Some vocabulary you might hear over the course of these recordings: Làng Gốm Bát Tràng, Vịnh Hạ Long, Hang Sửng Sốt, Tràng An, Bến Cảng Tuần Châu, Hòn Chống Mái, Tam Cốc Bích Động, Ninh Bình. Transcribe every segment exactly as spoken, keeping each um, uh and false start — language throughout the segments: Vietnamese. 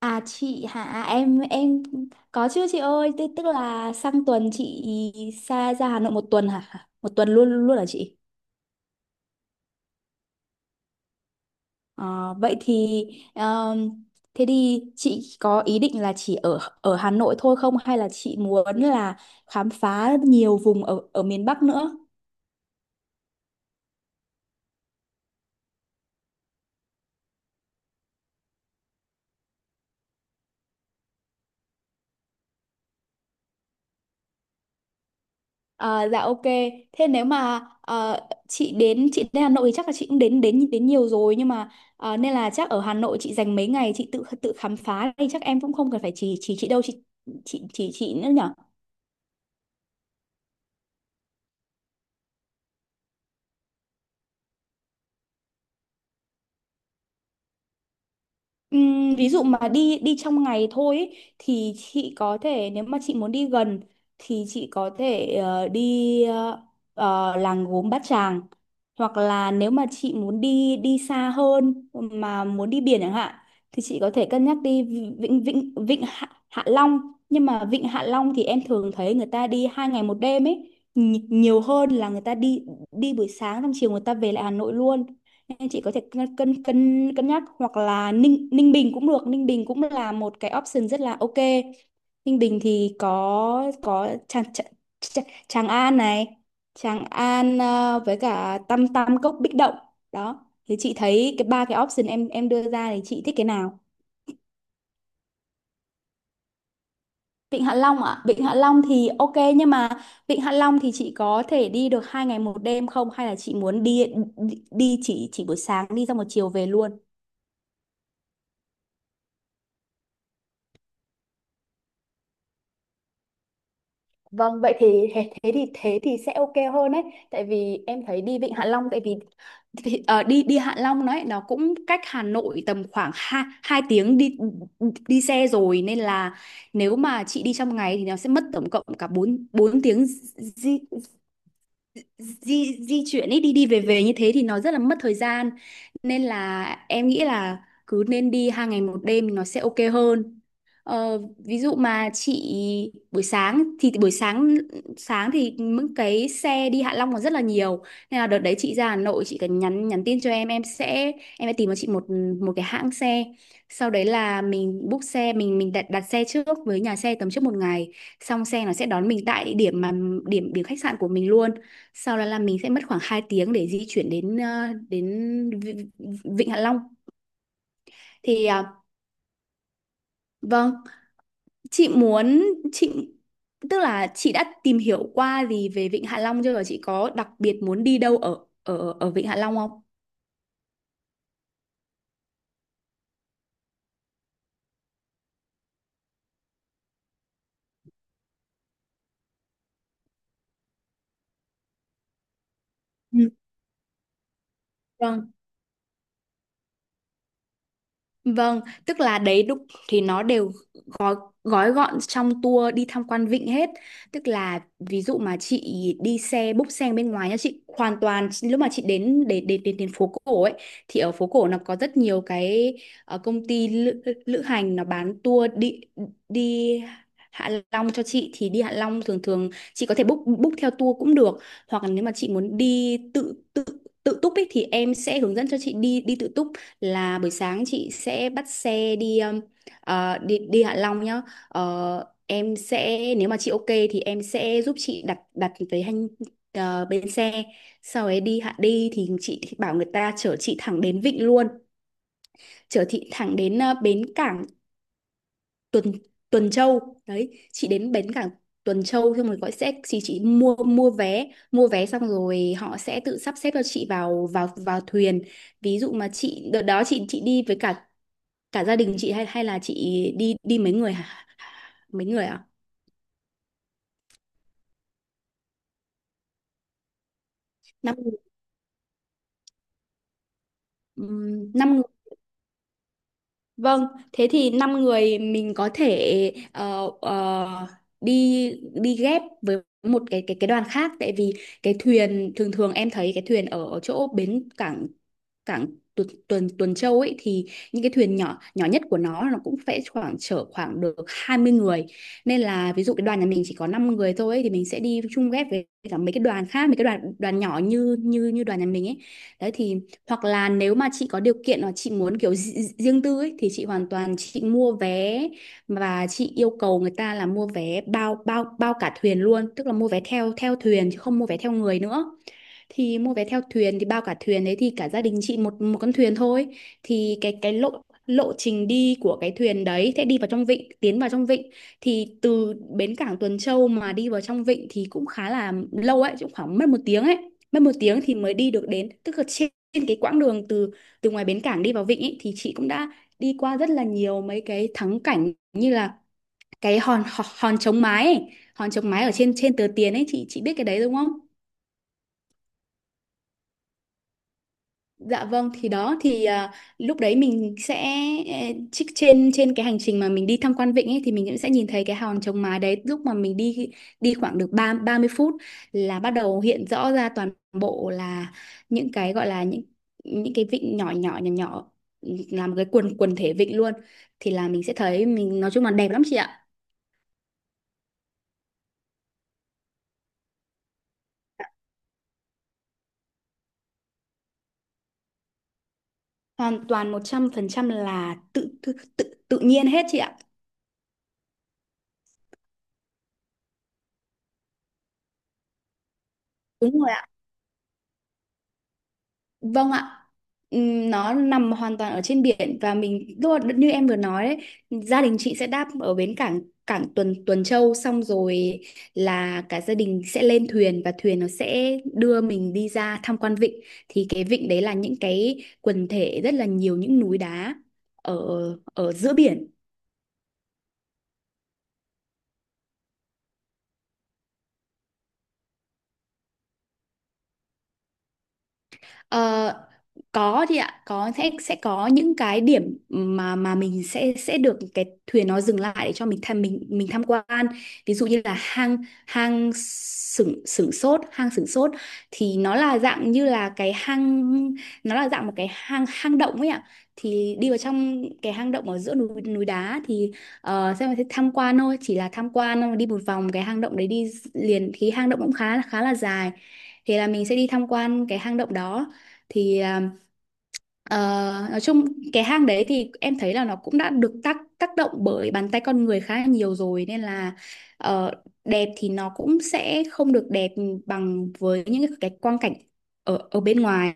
À chị hả em em có chứ chị ơi, tức, tức là sang tuần chị xa ra Hà Nội một tuần hả? Một tuần luôn luôn hả chị? Ờ, vậy thì um, thế thì chị có ý định là chỉ ở ở Hà Nội thôi không, hay là chị muốn là khám phá nhiều vùng ở ở miền Bắc nữa? À, dạ ok. Thế nếu mà ờ, chị đến chị đến Hà Nội thì chắc là chị cũng đến đến đến nhiều rồi, nhưng mà ờ, nên là chắc ở Hà Nội chị dành mấy ngày chị tự tự khám phá thì chắc em cũng không cần phải chỉ chỉ chị đâu, chị chị chỉ chị nữa nhở. Ừm, ví dụ mà đi đi trong ngày thôi ý, thì chị có thể nếu mà chị muốn đi gần thì chị có thể ờ, đi ờ, ờ, làng gốm Bát Tràng, hoặc là nếu mà chị muốn đi đi xa hơn mà muốn đi biển chẳng hạn thì chị có thể cân nhắc đi vịnh vịnh vịnh Hạ, Hạ Long. Nhưng mà vịnh Hạ Long thì em thường thấy người ta đi hai ngày một đêm ấy, Nhi- nhiều hơn là người ta đi đi buổi sáng xong chiều người ta về lại Hà Nội luôn, nên chị có thể cân cân cân cân nhắc, hoặc là Ninh Ninh Bình cũng được. Ninh Bình cũng là một cái option rất là ok. Ninh Bình thì có có Tràng Tràng, Tràng Tràng An này, Tràng An ờ, với cả Tam Tam Cốc Bích Động. Đó thì chị thấy cái ba cái option em em đưa ra thì chị thích cái nào? Vịnh Hạ Long ạ? Vịnh Hạ Long thì ok, nhưng mà Vịnh Hạ Long thì chị có thể đi được hai ngày một đêm không, hay là chị muốn đi đi, đi chỉ chỉ buổi sáng đi xong một chiều về luôn? Vâng, vậy thì thế thế thì thế thì sẽ ok hơn đấy, tại vì em thấy đi Vịnh Hạ Long, tại vì thì, ờ, đi đi Hạ Long đấy nó cũng cách Hà Nội tầm khoảng hai hai tiếng đi đi xe rồi, nên là nếu mà chị đi trong ngày thì nó sẽ mất tổng cộng cả 4 bốn bốn tiếng di, di di chuyển ấy, đi đi về về như thế thì nó rất là mất thời gian, nên là em nghĩ là cứ nên đi hai ngày một đêm nó sẽ ok hơn. Ờ, ví dụ mà chị buổi sáng thì buổi sáng sáng thì những cái xe đi Hạ Long còn rất là nhiều, nên là đợt đấy chị ra Hà Nội chị cần nhắn nhắn tin cho em, em sẽ em sẽ tìm cho chị một một cái hãng xe, sau đấy là mình book xe, mình mình đặt đặt xe trước với nhà xe tầm trước một ngày, xong xe nó sẽ đón mình tại địa điểm mà điểm điểm khách sạn của mình luôn, sau đó là mình sẽ mất khoảng hai tiếng để di chuyển đến ờ, đến Vi- Vịnh Hạ Long. Thì à, vâng, chị muốn chị tức là chị đã tìm hiểu qua gì về Vịnh Hạ Long chưa, và chị có đặc biệt muốn đi đâu ở ở ở Vịnh Hạ Long không? Ừ. Vâng. Vâng, tức là đấy đúng thì nó đều gói gói gọn trong tour đi tham quan vịnh hết, tức là ví dụ mà chị đi xe búc xe bên ngoài nha, chị hoàn toàn lúc mà chị đến đến đến đến, đến phố cổ ấy thì ở phố cổ nó có rất nhiều cái ờ, công ty lữ, lữ hành nó bán tour đi đi Hạ Long cho chị. Thì đi Hạ Long thường thường chị có thể book book theo tour cũng được, hoặc là nếu mà chị muốn đi tự tự tự túc ấy thì em sẽ hướng dẫn cho chị đi đi tự túc, là buổi sáng chị sẽ bắt xe đi. Ờ, đi đi Hạ Long nhá. Ờ, em sẽ nếu mà chị ok thì em sẽ giúp chị đặt đặt cái hành ờ, bến xe. Sau ấy đi Hạ đi thì chị bảo người ta chở chị thẳng đến Vịnh luôn, chở chị thẳng đến ờ, bến cảng Tuần Tuần Châu. Đấy, chị đến bến cảng Tuần Châu xong rồi gọi xe thì chị mua mua vé, mua vé xong rồi họ sẽ tự sắp xếp cho chị vào vào vào thuyền. Ví dụ mà chị đợt đó chị chị đi với cả cả gia đình chị, hay hay là chị đi đi mấy người hả? Mấy người ạ? Năm người. Ừm, năm người, vâng. Thế thì năm người mình có thể ờ, ờ, đi đi ghép với một cái cái cái đoàn khác, tại vì cái thuyền thường thường em thấy cái thuyền ở, ở chỗ bến cảng cảng Tuần Tuần Tuần Châu ấy thì những cái thuyền nhỏ nhỏ nhất của nó nó cũng phải khoảng chở khoảng được hai mươi người, nên là ví dụ cái đoàn nhà mình chỉ có năm người thôi ấy, thì mình sẽ đi chung ghép với cả mấy cái đoàn khác, mấy cái đoàn đoàn nhỏ như như như đoàn nhà mình ấy. Đấy thì hoặc là nếu mà chị có điều kiện hoặc chị muốn kiểu ri- riêng tư ấy, thì chị hoàn toàn chị mua vé và chị yêu cầu người ta là mua vé bao bao bao cả thuyền luôn, tức là mua vé theo theo thuyền chứ không mua vé theo người nữa. Thì mua vé theo thuyền thì bao cả thuyền đấy thì cả gia đình chị một một con thuyền thôi. Thì cái cái lộ lộ trình đi của cái thuyền đấy sẽ đi vào trong vịnh tiến vào trong vịnh. Thì từ bến cảng Tuần Châu mà đi vào trong vịnh thì cũng khá là lâu ấy, cũng khoảng mất một tiếng ấy, mất một tiếng thì mới đi được đến, tức là trên trên cái quãng đường từ từ ngoài bến cảng đi vào vịnh ấy, thì chị cũng đã đi qua rất là nhiều mấy cái thắng cảnh, như là cái hòn hòn, hòn chống mái ấy. Hòn chống mái ở trên trên tờ tiền ấy, chị chị biết cái đấy đúng không? Dạ vâng, thì đó thì à, lúc đấy mình sẽ eh, trích trên trên cái hành trình mà mình đi tham quan vịnh ấy, thì mình cũng sẽ nhìn thấy cái hòn trống mái đấy, lúc mà mình đi đi khoảng được ba ba mươi phút là bắt đầu hiện rõ ra toàn bộ là những cái gọi là những những cái vịnh nhỏ nhỏ nhỏ nhỏ làm cái quần quần thể vịnh luôn, thì là mình sẽ thấy mình nói chung là đẹp lắm chị ạ. Hoàn toàn một trăm phần trăm là tự tự tự tự nhiên hết chị ạ. Đúng rồi. Vâng ạ. Ừm, Nó nằm hoàn toàn ở trên biển và mình lúc mà, như em vừa nói đấy, gia đình chị sẽ đáp ở bến cảng cảng Tuần Tuần Châu, xong rồi là cả gia đình sẽ lên thuyền và thuyền nó sẽ đưa mình đi ra tham quan vịnh. Thì cái vịnh đấy là những cái quần thể rất là nhiều những núi đá ở ở giữa biển. Ờ, có thì ạ, có sẽ sẽ có những cái điểm mà mà mình sẽ sẽ được cái thuyền nó dừng lại để cho mình tham mình mình tham quan, ví dụ như là hang hang sửng sửng sốt, hang sửng sốt. Thì nó là dạng như là cái hang, nó là dạng một cái hang hang động ấy ạ. Thì đi vào trong cái hang động ở giữa núi núi đá thì ờ, xem là tham quan thôi, chỉ là tham quan thôi, đi một vòng cái hang động đấy đi liền thì hang động cũng khá khá là dài, thì là mình sẽ đi tham quan cái hang động đó. Thì à, ờ, nói chung cái hang đấy thì em thấy là nó cũng đã được tác tác động bởi bàn tay con người khá là nhiều rồi, nên là ờ, đẹp thì nó cũng sẽ không được đẹp bằng với những cái quang cảnh ở ở bên ngoài,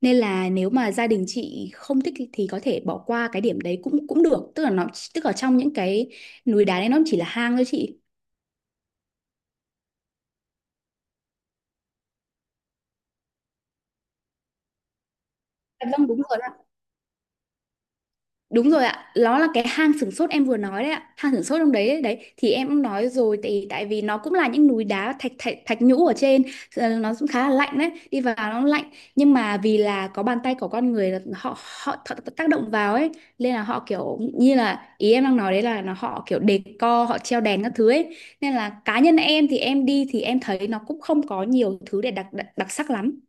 nên là nếu mà gia đình chị không thích thì có thể bỏ qua cái điểm đấy cũng cũng được, tức là nó tức ở trong những cái núi đá đấy nó chỉ là hang thôi chị. Dạ vâng đúng rồi. Đúng rồi ạ, nó là cái hang sửng sốt em vừa nói đấy ạ, hang sửng sốt trong đấy đấy, đấy. Thì em cũng nói rồi tại tại vì nó cũng là những núi đá thạch thạch thạch nhũ ở trên, ờ, nó cũng khá là lạnh đấy, đi vào nó lạnh, nhưng mà vì là có bàn tay của con người là họ họ th- tác động vào ấy, nên là họ kiểu như là ý em đang nói đấy là nó họ kiểu đề co, họ treo đèn các thứ ấy. Nên là cá nhân em thì em đi thì em thấy nó cũng không có nhiều thứ để đặc đặc, đặc sắc lắm.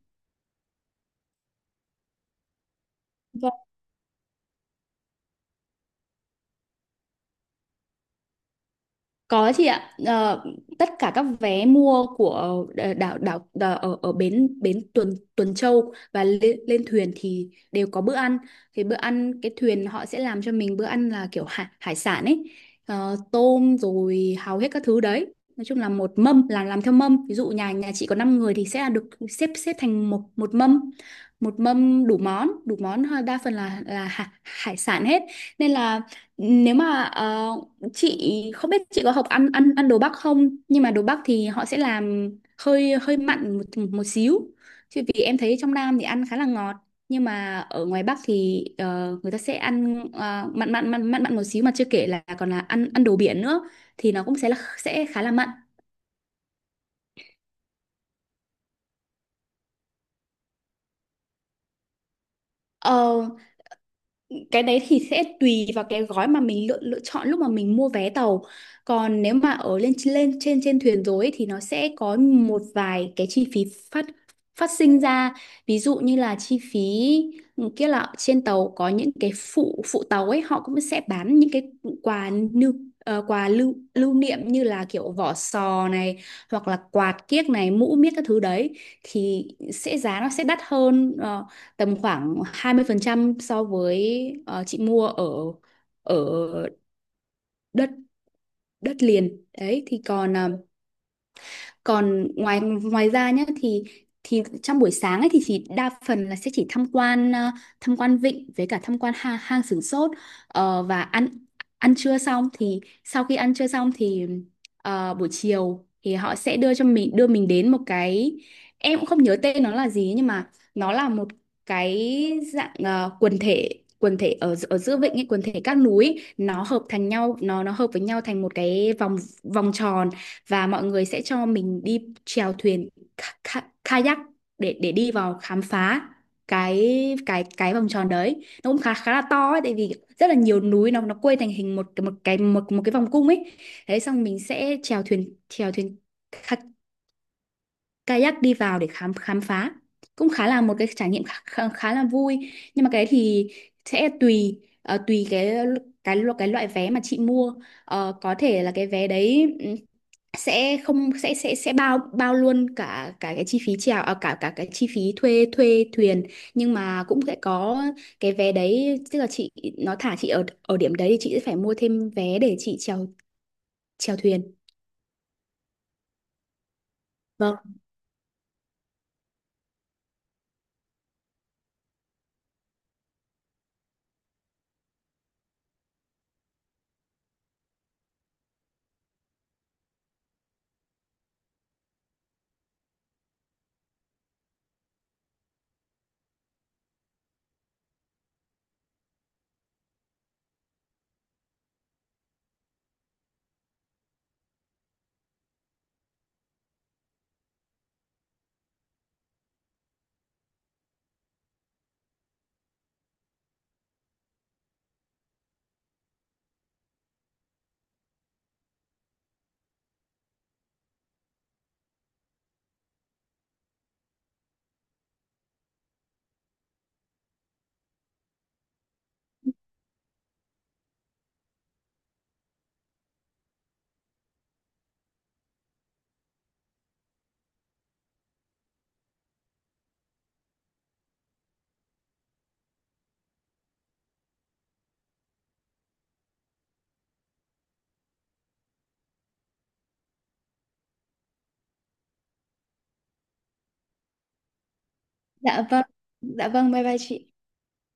Có chị ạ. Ờ, tất cả các vé mua của đảo đảo, đảo, đảo ở, ở bến bến Tuần Tuần Châu và lên, lên thuyền thì đều có bữa ăn. Thì bữa ăn cái thuyền họ sẽ làm cho mình bữa ăn là kiểu hải, hải sản ấy. Ờ, tôm rồi hầu hết các thứ đấy. Nói chung là một mâm, là làm theo mâm. Ví dụ nhà nhà chị có năm người thì sẽ là được xếp xếp thành một một mâm, một mâm đủ món, đủ món đa phần là là hải, hải sản hết. Nên là ừ, nếu mà ờ, chị không biết chị có học ăn ăn ăn đồ Bắc không, nhưng mà đồ Bắc thì họ sẽ làm hơi hơi mặn một một xíu, chứ vì em thấy trong Nam thì ăn khá là ngọt, nhưng mà ở ngoài Bắc thì ờ, người ta sẽ ăn ờ, mặn mặn mặn mặn mặn một xíu, mà chưa kể là còn là ăn ăn đồ biển nữa thì nó cũng sẽ là sẽ khá là mặn. Ờ, cái đấy thì sẽ tùy vào cái gói mà mình lựa lựa chọn lúc mà mình mua vé tàu. Còn nếu mà ở lên lên trên trên thuyền rồi ấy, thì nó sẽ có một vài cái chi phí phát phát sinh ra. Ví dụ như là chi phí ừ, kia là trên tàu có những cái phụ phụ tàu ấy họ cũng sẽ bán những cái quà lưu ờ, quà lưu lưu niệm như là kiểu vỏ sò này, hoặc là quạt kiếc này, mũ miết các thứ đấy thì sẽ giá nó sẽ đắt hơn, ờ, tầm khoảng hai mươi phần trăm so với, ờ, chị mua ở ở đất đất liền đấy. Thì còn ờ, còn ngoài ngoài ra nhé, thì thì trong buổi sáng ấy thì chỉ đa phần là sẽ chỉ tham quan, ờ, tham quan vịnh với cả tham quan hang, hang Sửng Sốt. Ờ, và ăn ăn trưa xong, thì sau khi ăn trưa xong thì ờ, buổi chiều thì họ sẽ đưa cho mình, đưa mình đến một cái, em cũng không nhớ tên nó là gì nhưng mà nó là một cái dạng ờ, quần thể quần thể ở ở giữa vịnh ấy, quần thể các núi ấy, nó hợp thành nhau, nó nó hợp với nhau thành một cái vòng vòng tròn, và mọi người sẽ cho mình đi chèo thuyền kayak để để đi vào khám phá cái cái cái vòng tròn đấy nó cũng khá khá là to ấy, tại vì rất là nhiều núi nó nó quây thành hình một một cái một một cái vòng cung ấy. Thế xong mình sẽ chèo thuyền, chèo thuyền kayak đi vào để khám khám phá, cũng khá là một cái trải nghiệm khá, khá, khá là vui. Nhưng mà cái đấy thì sẽ tùy, ờ, tùy cái cái lo- cái loại vé mà chị mua. Ờ, có thể là cái vé đấy ừ, sẽ không, sẽ sẽ sẽ bao bao luôn cả cả cái chi phí chèo, à, cả cả cái chi phí thuê thuê thuyền, nhưng mà cũng sẽ có cái vé đấy tức là chị, nó thả chị ở ở điểm đấy thì chị sẽ phải mua thêm vé để chị chèo, chèo thuyền. Vâng. Dạ vâng, dạ vâng, bye bye chị.